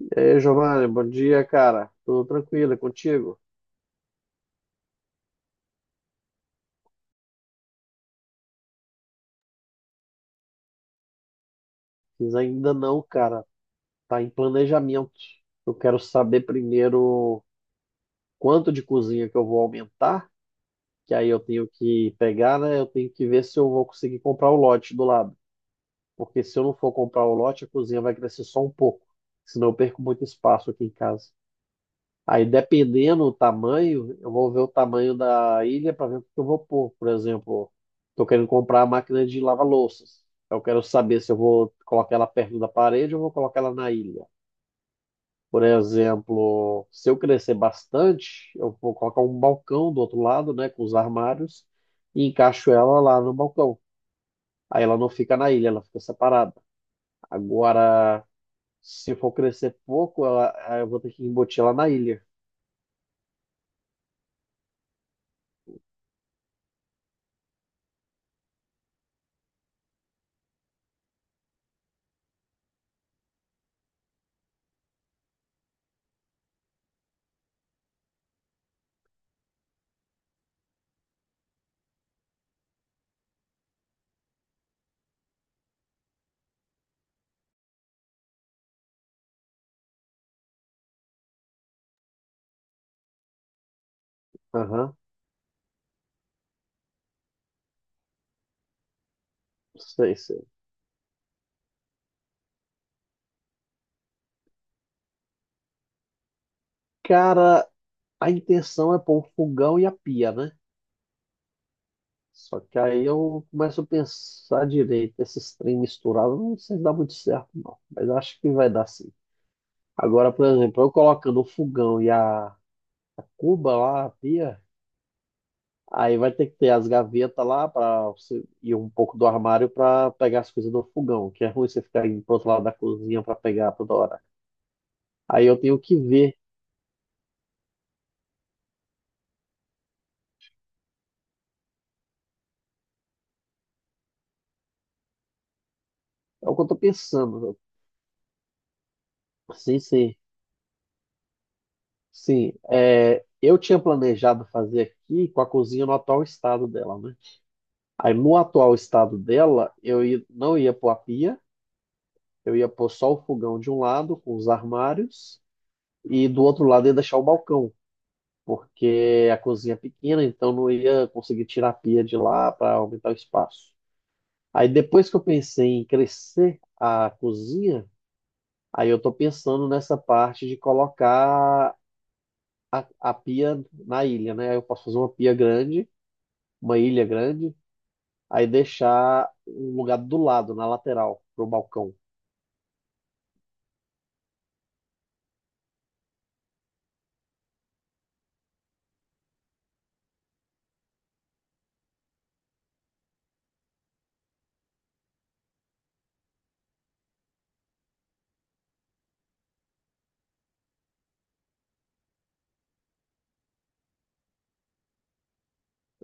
E aí, Giovanni, bom dia, cara. Tudo tranquilo, é contigo? Mas ainda não, cara. Tá em planejamento. Eu quero saber primeiro quanto de cozinha que eu vou aumentar, que aí eu tenho que pegar, né? Eu tenho que ver se eu vou conseguir comprar o lote do lado. Porque se eu não for comprar o lote, a cozinha vai crescer só um pouco. Senão eu perco muito espaço aqui em casa. Aí, dependendo do tamanho, eu vou ver o tamanho da ilha para ver o que eu vou pôr. Por exemplo, estou querendo comprar a máquina de lavar louças. Eu quero saber se eu vou colocar ela perto da parede ou vou colocar ela na ilha. Por exemplo, se eu crescer bastante, eu vou colocar um balcão do outro lado, né, com os armários, e encaixo ela lá no balcão. Aí ela não fica na ilha, ela fica separada. Agora, se for crescer pouco, eu vou ter que embutir ela na ilha. Aham, sei, sei. Cara, a intenção é pôr o fogão e a pia, né? Só que aí eu começo a pensar direito, esses trem misturados, não sei se dá muito certo, não. Mas acho que vai dar sim. Agora, por exemplo, eu colocando o fogão e a cuba lá, a pia, aí vai ter que ter as gavetas lá para você e um pouco do armário para pegar as coisas do fogão, que é ruim você ficar indo pro outro lado da cozinha para pegar toda hora. Aí eu tenho que ver. É o que eu tô pensando. Sim, sim. Sim, é, eu tinha planejado fazer aqui com a cozinha no atual estado dela, né? Aí no atual estado dela, eu não ia pôr a pia, eu ia pôr só o fogão de um lado, com os armários, e do outro lado ia deixar o balcão, porque a cozinha é pequena, então não ia conseguir tirar a pia de lá para aumentar o espaço. Aí depois que eu pensei em crescer a cozinha, aí eu estou pensando nessa parte de colocar a pia na ilha, né? Aí eu posso fazer uma pia grande, uma ilha grande, aí deixar um lugar do lado, na lateral, pro balcão.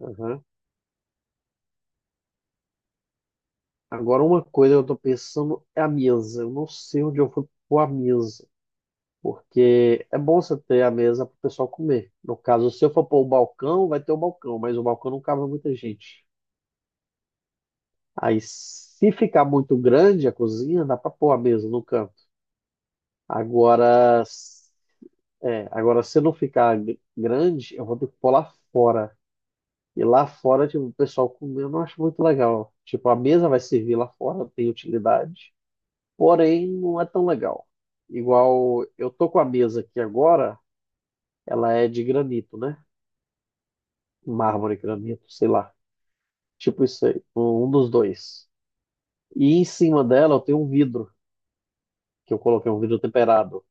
Aham. Agora, uma coisa que eu tô pensando é a mesa. Eu não sei onde eu vou pôr a mesa, porque é bom você ter a mesa pro pessoal comer. No caso, se eu for pôr o balcão, vai ter o balcão, mas o balcão não cabe muita gente. Aí, se ficar muito grande a cozinha, dá para pôr a mesa no canto. Agora, é, agora se não ficar grande, eu vou ter que pôr lá fora. E lá fora, tipo, o pessoal comendo, eu não acho muito legal. Tipo, a mesa vai servir lá fora, tem utilidade. Porém, não é tão legal. Igual, eu tô com a mesa aqui agora, ela é de granito, né? Mármore, granito, sei lá. Tipo isso aí, um dos dois. E em cima dela eu tenho um vidro, que eu coloquei um vidro temperado.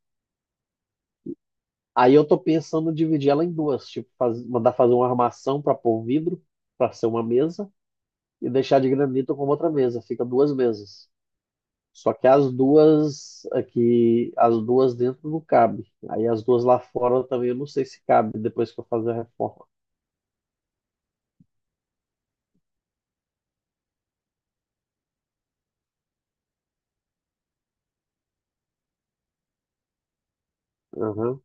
Aí eu tô pensando em dividir ela em duas, tipo, mandar fazer uma armação para pôr o vidro, para ser uma mesa, e deixar de granito como outra mesa. Fica duas mesas. Só que as duas aqui, as duas dentro não cabe. Aí as duas lá fora também eu não sei se cabe depois que eu fazer a reforma. Aham,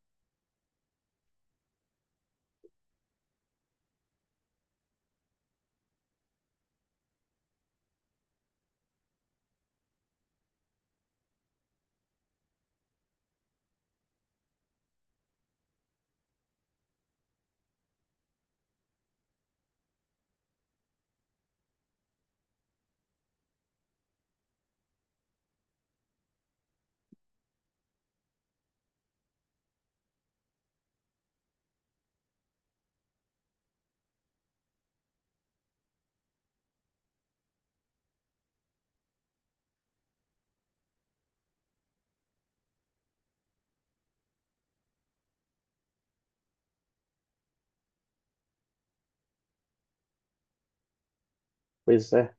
pois é.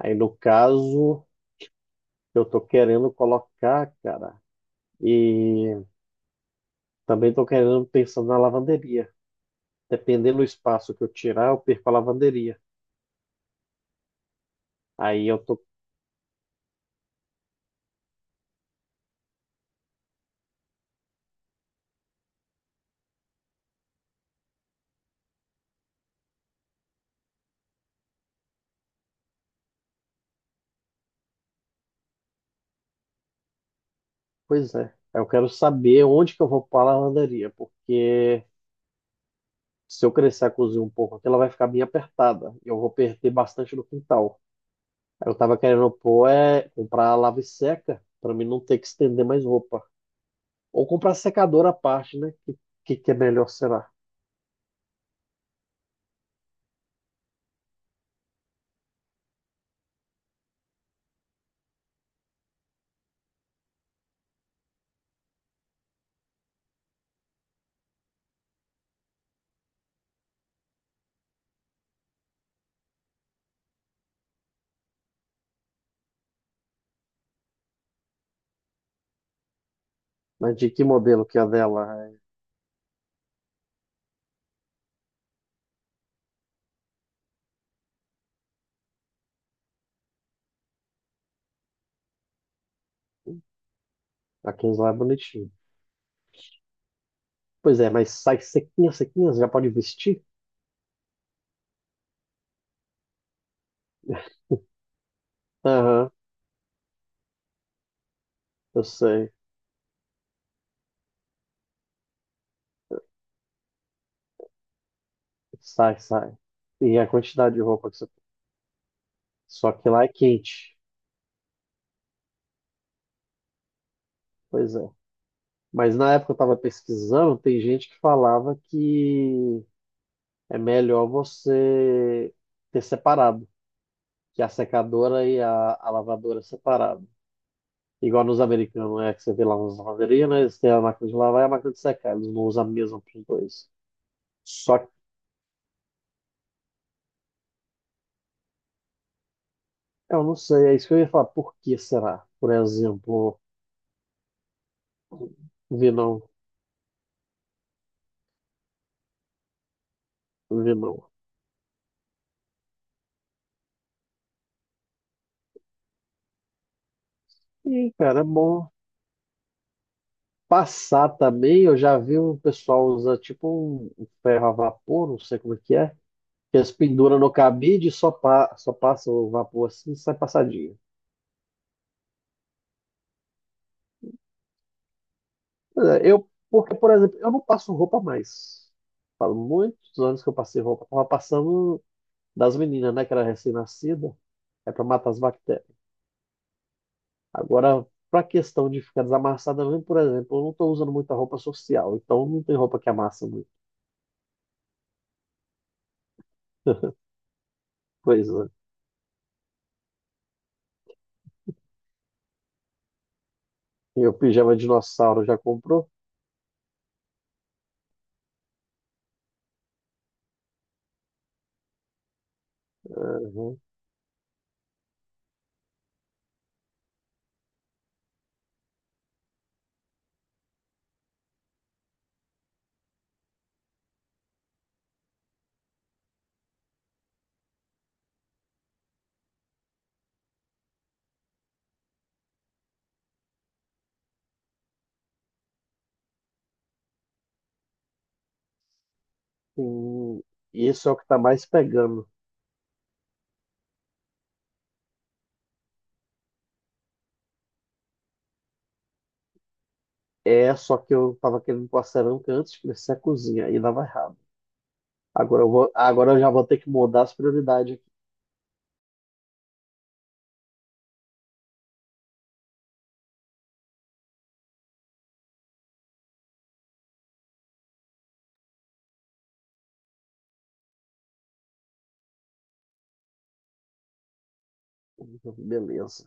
Aí no caso, eu tô querendo colocar, cara, e também tô querendo pensando na lavanderia. Dependendo do espaço que eu tirar, eu perco a lavanderia. Aí eu tô, pois é. Eu quero saber onde que eu vou pôr a lavanderia, porque se eu crescer a cozinha um pouco aqui, ela vai ficar bem apertada. Eu vou perder bastante no quintal. Aí eu tava querendo pôr, é, comprar a lave seca, para mim não ter que estender mais roupa. Ou comprar secador à parte, né? Que é melhor será? Mas de que modelo que é a dela? É? A Kinsler é bonitinho. Pois é, mas sai sequinha, sequinha, você já pode vestir? Aham, eu sei. Sai, sai. E a quantidade de roupa que você tem. Só que lá é quente. Pois é. Mas na época eu estava pesquisando, tem gente que falava que é melhor você ter separado, que a secadora e a lavadora é separado. Igual nos americanos, é que você vê lá nas lavanderias, né? Eles têm a máquina de lavar e a máquina de secar. Eles não usam a mesma para os dois. Só que eu não sei, é isso que eu ia falar. Por que será? Por exemplo, vi não, vi não. E, cara, é bom passar também. Eu já vi um pessoal usar tipo um ferro a vapor, não sei como é. Que eles penduram no cabide e só passa o vapor assim e sai passadinho. Pois é. Eu, porque, por exemplo, eu não passo roupa mais. Faz muitos anos que eu passei roupa. Tava passando das meninas, né? Que era recém-nascida. É para matar as bactérias. Agora, para questão de ficar desamassada mesmo, por exemplo, eu não estou usando muita roupa social. Então, não tem roupa que amassa muito. Pois é. E o pijama dinossauro já comprou? Uhum. Sim. Isso é o que tá mais pegando. É, só que eu tava querendo pôr a cerâmica antes de crescer a cozinha. Aí dava errado. Agora eu vou, agora eu já vou ter que mudar as prioridades. Beleza.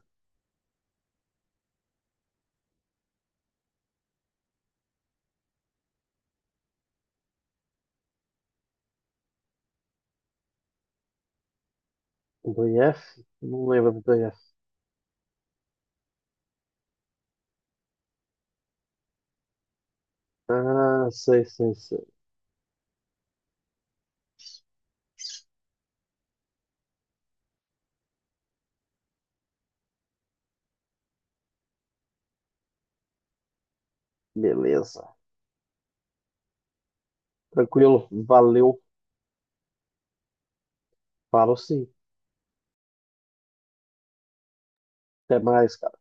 Do IF? Não lembro do IF. Ah, sei, sei, sei. Beleza. Tranquilo. Valeu. Falo sim. Até mais, cara.